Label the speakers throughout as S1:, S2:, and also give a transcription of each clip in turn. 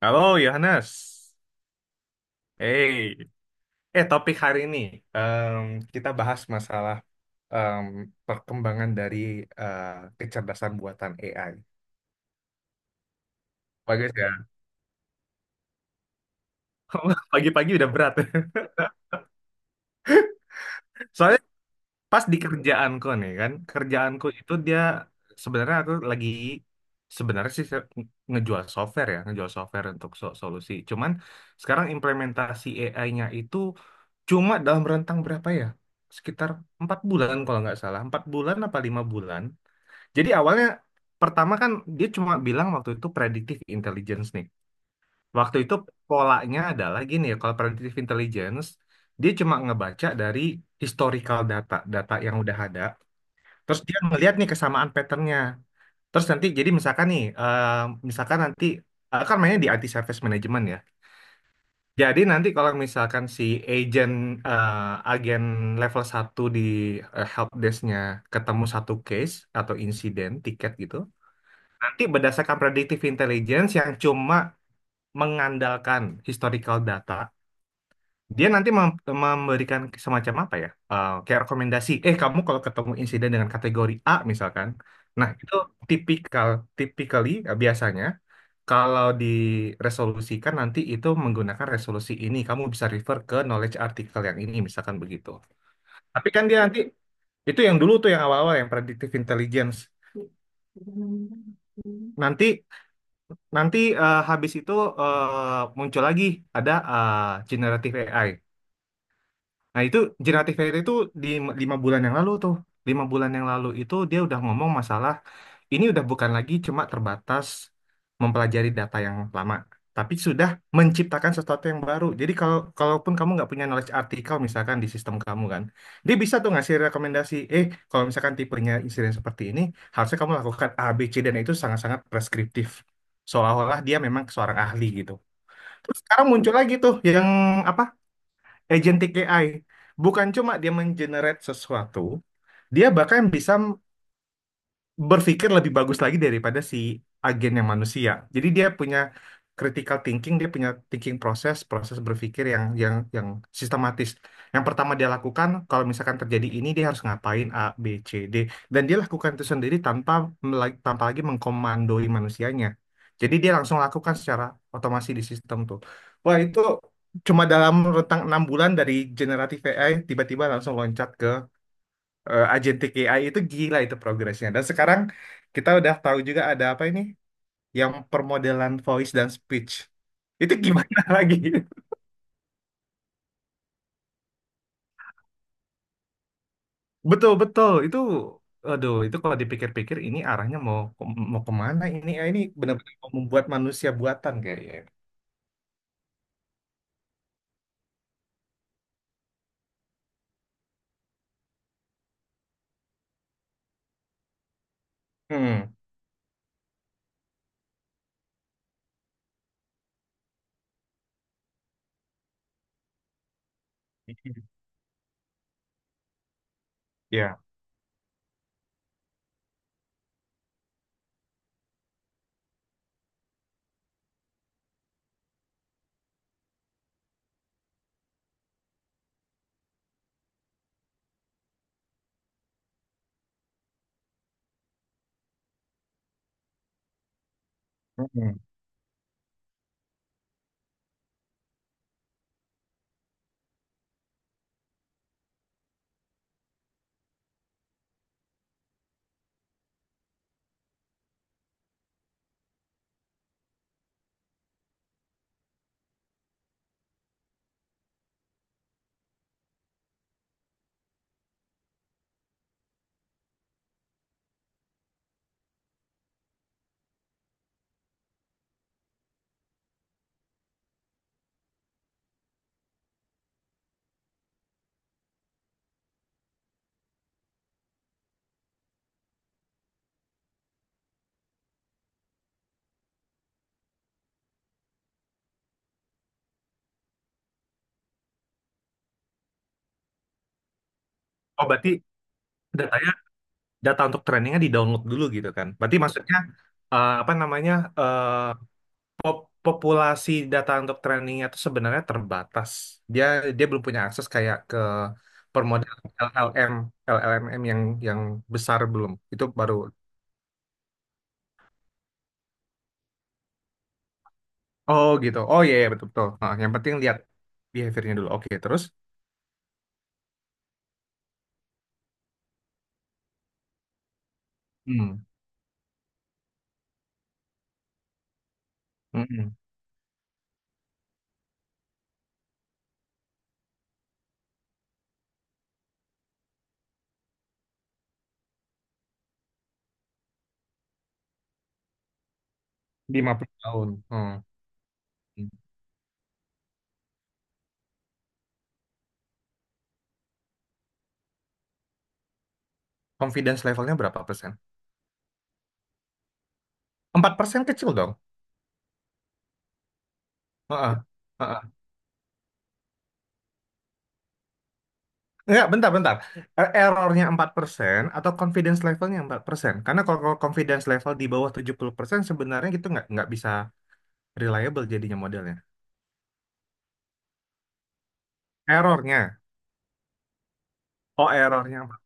S1: Halo Yohanes, hey, topik hari ini em, kita bahas masalah em, perkembangan dari eh, kecerdasan buatan AI. Bagus ya. Pagi-pagi udah berat. Soalnya pas di kerjaanku nih kan, kerjaanku itu dia sebenarnya aku lagi sebenarnya sih ngejual software ya, ngejual software untuk solusi. Cuman sekarang implementasi AI-nya itu cuma dalam rentang berapa ya? Sekitar empat bulan kalau nggak salah. Empat bulan apa lima bulan. Jadi awalnya pertama kan dia cuma bilang waktu itu predictive intelligence nih. Waktu itu polanya adalah gini ya, kalau predictive intelligence dia cuma ngebaca dari historical data, data yang udah ada. Terus dia ngeliat nih kesamaan patternnya. Terus nanti jadi misalkan nih, misalkan nanti kan mainnya di IT service management ya. Jadi nanti kalau misalkan si agent eh, agen level satu di helpdesk-nya ketemu satu case atau insiden tiket gitu, nanti berdasarkan predictive intelligence yang cuma mengandalkan historical data, dia nanti memberikan semacam apa ya? Kayak rekomendasi, eh kamu kalau ketemu insiden dengan kategori A misalkan, nah itu tipikal, typically biasanya kalau diresolusikan nanti itu menggunakan resolusi ini, kamu bisa refer ke knowledge artikel yang ini, misalkan begitu. Tapi kan dia nanti, itu yang dulu tuh yang awal-awal, yang predictive intelligence. Nanti, nanti habis itu muncul lagi, ada generative AI. Nah itu generatif AI itu di lima lima bulan yang lalu tuh. Lima bulan yang lalu itu dia udah ngomong masalah ini udah bukan lagi cuma terbatas mempelajari data yang lama, tapi sudah menciptakan sesuatu yang baru. Jadi kalau kalaupun kamu nggak punya knowledge artikel misalkan di sistem kamu kan, dia bisa tuh ngasih rekomendasi, eh kalau misalkan tipenya insiden seperti ini, harusnya kamu lakukan A, B, C dan itu sangat-sangat preskriptif. Seolah-olah dia memang seorang ahli gitu. Terus sekarang muncul lagi tuh yang apa agentic AI bukan cuma dia mengenerate sesuatu, dia bahkan bisa berpikir lebih bagus lagi daripada si agen yang manusia. Jadi dia punya critical thinking, dia punya thinking proses, proses berpikir yang sistematis. Yang pertama dia lakukan, kalau misalkan terjadi ini dia harus ngapain A, B, C, D dan dia lakukan itu sendiri tanpa tanpa lagi mengkomandoi manusianya. Jadi dia langsung lakukan secara otomasi di sistem tuh. Wah, itu cuma dalam rentang enam bulan dari generative AI tiba-tiba langsung loncat agentic AI itu gila itu progresnya. Dan sekarang kita udah tahu juga ada apa ini yang permodelan voice dan speech. Itu gimana lagi? Betul-betul itu aduh itu kalau dipikir-pikir ini arahnya mau mau kemana ini ya ini benar-benar mau membuat manusia buatan kayaknya. Hmm. Ya. Hmm. Oh berarti datanya data untuk trainingnya di download dulu gitu kan? Berarti maksudnya apa namanya eh, populasi data untuk trainingnya itu sebenarnya terbatas. Dia dia belum punya akses kayak ke permodalan LLM, LLMM yang besar belum. Itu baru. Oh gitu. Oh iya iya, betul betul. Nah, yang penting lihat behaviornya dulu. Oke terus. Hmm. Mm-mm. 50 tahun. Hmm. Confidence levelnya berapa persen? 4 persen kecil dong. Heeh. Heeh. Enggak, bentar, bentar. Errornya 4% atau confidence levelnya empat persen? Karena kalau kalau confidence level di bawah 70% sebenarnya gitu nggak bisa reliable jadinya modelnya. Errornya. Oh, errornya.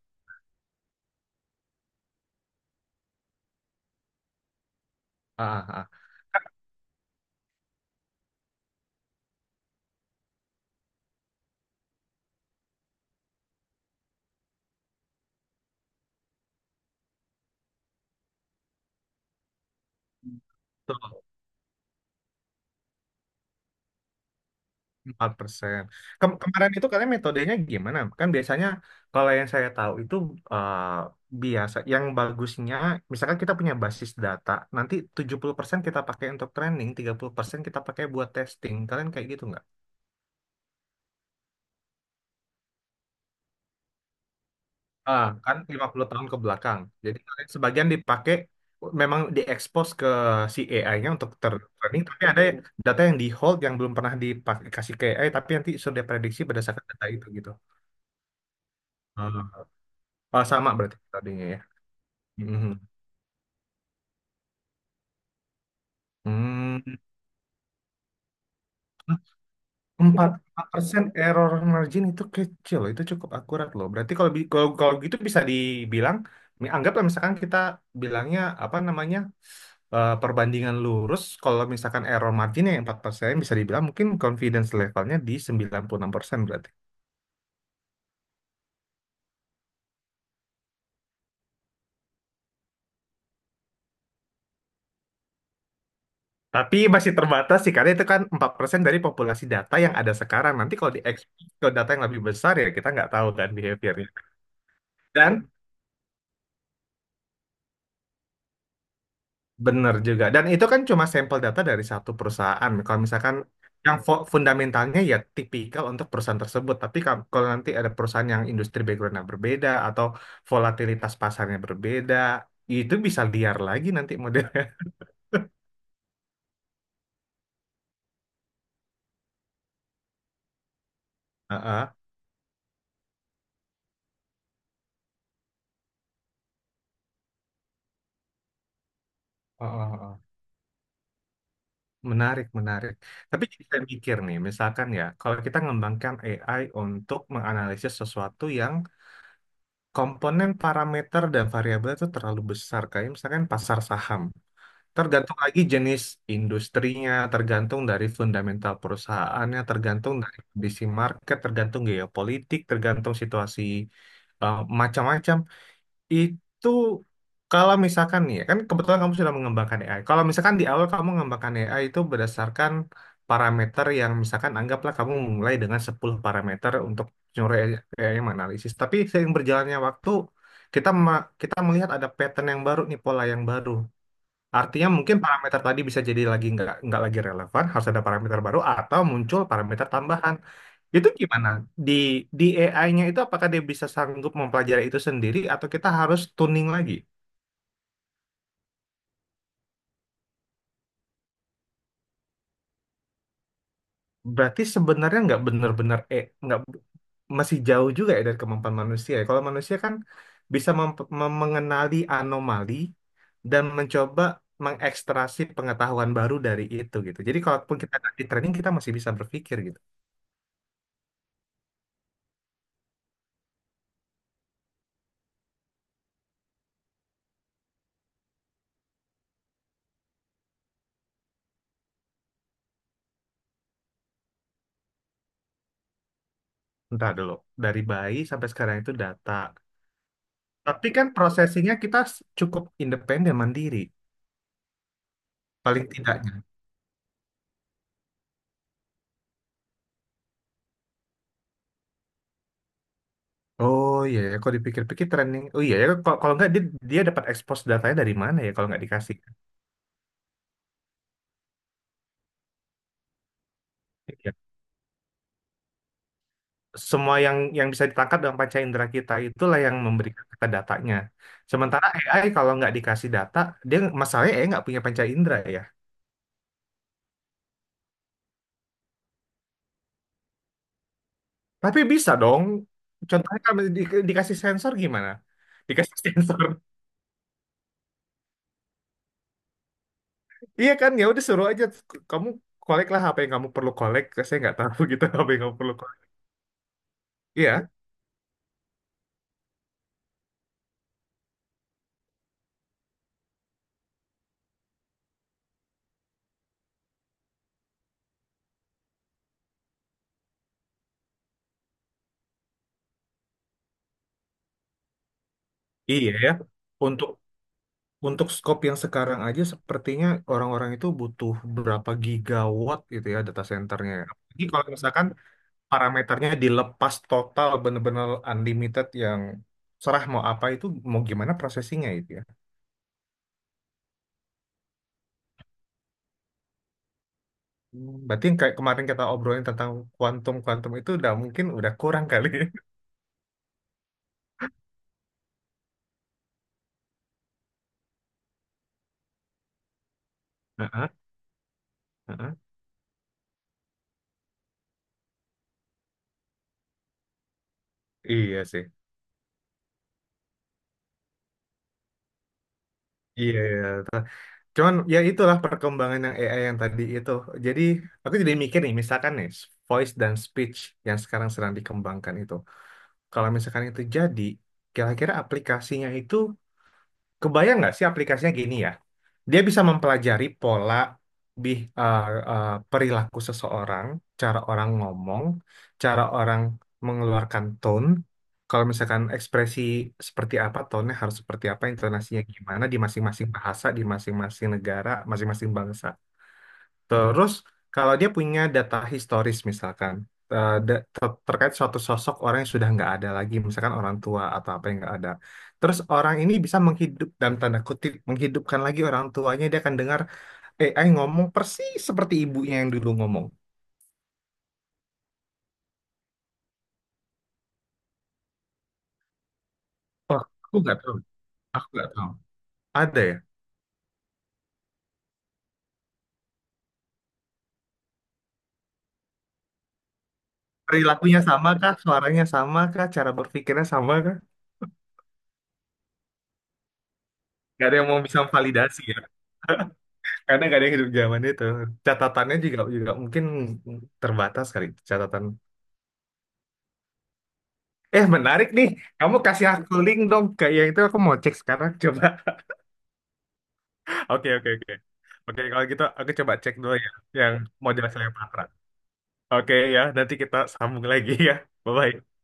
S1: Ah, ah, ah. Tuh, empat persen. Kemarin itu kalian metodenya gimana? Kan biasanya kalau yang saya tahu itu eh, biasa. Yang bagusnya, misalkan kita punya basis data, nanti 70% kita pakai untuk training, 30% kita pakai buat testing. Kalian kayak gitu? Ah, kan lima puluh tahun ke belakang. Jadi sebagian dipakai memang diekspos ke si AI-nya untuk tertraining, tapi ada data yang di hold yang belum pernah dipakai kasih ke AI, tapi nanti sudah prediksi berdasarkan data itu gitu. Ah. Oh, sama berarti tadinya ya. Mhm. Hmm. Hmm. Empat persen error margin itu kecil, loh. Itu cukup akurat loh. Berarti kalau kalau, kalau gitu bisa dibilang, anggaplah misalkan kita bilangnya apa namanya perbandingan lurus kalau misalkan error marginnya yang 4%, bisa dibilang mungkin confidence levelnya di 96% berarti. Tapi masih terbatas sih karena itu kan 4% dari populasi data yang ada sekarang. Nanti kalau di expose ke data yang lebih besar ya kita nggak tahu kan behaviornya. Dan bener juga. Dan itu kan cuma sampel data dari satu perusahaan. Kalau misalkan yang fundamentalnya ya tipikal untuk perusahaan tersebut. Tapi kalau nanti ada perusahaan yang industri backgroundnya berbeda atau volatilitas pasarnya berbeda, itu bisa liar lagi nanti modelnya. Heeh. Heeh, heeh. Menarik, menarik. Tapi jadi saya mikir nih, misalkan ya, kalau kita mengembangkan AI untuk menganalisis sesuatu yang komponen parameter dan variabel itu terlalu besar, kayak misalkan pasar saham. Tergantung lagi jenis industrinya, tergantung dari fundamental perusahaannya, tergantung dari kondisi market, tergantung geopolitik, tergantung situasi macam-macam. Itu kalau misalkan nih, ya, kan kebetulan kamu sudah mengembangkan AI. Kalau misalkan di awal kamu mengembangkan AI itu berdasarkan parameter yang misalkan anggaplah kamu mulai dengan 10 parameter untuk nyuruh AI yang menganalisis. Tapi seiring berjalannya waktu, kita melihat ada pattern yang baru nih, pola yang baru. Artinya mungkin parameter tadi bisa jadi lagi nggak lagi relevan, harus ada parameter baru atau muncul parameter tambahan. Itu gimana? Di di AI-nya itu apakah dia bisa sanggup mempelajari itu sendiri atau kita harus tuning lagi? Berarti sebenarnya nggak benar-benar nggak masih jauh juga ya dari kemampuan manusia. Ya. Kalau manusia kan bisa mengenali anomali dan mencoba mengekstrasi pengetahuan baru dari itu gitu. Jadi kalaupun kita di training kita masih bisa berpikir gitu. Entah dulu, dari bayi sampai sekarang itu data. Tapi kan prosesinya kita cukup independen, mandiri. Paling tidaknya. Oh iya, ya, kalau dipikir-pikir training. Oh iya, ya, kalau nggak dia, dia dapat expose datanya dari mana ya kalau nggak dikasih. Iya. Semua yang bisa ditangkap dalam panca indera kita itulah yang memberikan kita datanya. Sementara AI kalau nggak dikasih data, dia masalahnya AI nggak punya panca indera ya. Tapi bisa dong. Contohnya kalau dikasih sensor gimana? Dikasih sensor. Iya kan ya udah suruh aja kamu kolek lah apa yang kamu perlu kolek saya nggak tahu gitu apa yang kamu perlu kolek iya iya ya. untuk untuk scope yang sekarang aja sepertinya orang-orang itu butuh berapa gigawatt gitu ya data centernya. Apalagi kalau misalkan parameternya dilepas total bener-bener unlimited yang serah mau apa itu mau gimana prosesinya itu ya. Hmm, berarti yang kayak kemarin kita obrolin tentang kuantum kuantum itu udah mungkin udah kurang kali. Heeh, heeh. Iya sih. Iya, iya. Cuman ya itulah perkembangan yang AI yang tadi itu. Jadi aku jadi mikir nih, misalkan nih voice dan speech yang sekarang sedang dikembangkan itu. Kalau misalkan itu jadi, kira-kira aplikasinya itu kebayang nggak sih aplikasinya gini ya? Dia bisa mempelajari pola bih, eh, eh, perilaku seseorang, cara orang ngomong, cara orang mengeluarkan tone. Kalau misalkan ekspresi seperti apa, tone harus seperti apa, intonasinya gimana di masing-masing bahasa, di masing-masing negara, masing-masing bangsa. Terus kalau dia punya data historis misalkan terkait suatu sosok orang yang sudah nggak ada lagi, misalkan orang tua atau apa yang nggak ada. Terus orang ini bisa menghidup dalam tanda kutip menghidupkan lagi orang tuanya, dia akan dengar AI ngomong persis seperti ibunya yang dulu ngomong. Oh, aku nggak tahu, aku nggak tahu. Ada ya? Perilakunya sama kah? Suaranya sama kah? Cara berpikirnya sama kah? Gak ada yang mau bisa validasi ya, karena gak ada yang hidup zaman itu. Catatannya juga juga mungkin terbatas kali catatan. Eh, menarik nih. Kamu kasih aku link dong ke yang itu aku mau cek sekarang. Coba. Oke, oke, oke. Oke, kalau gitu aku coba cek dulu ya yang model Cleopatra. Oke ya, nanti kita sambung lagi ya. Bye-bye.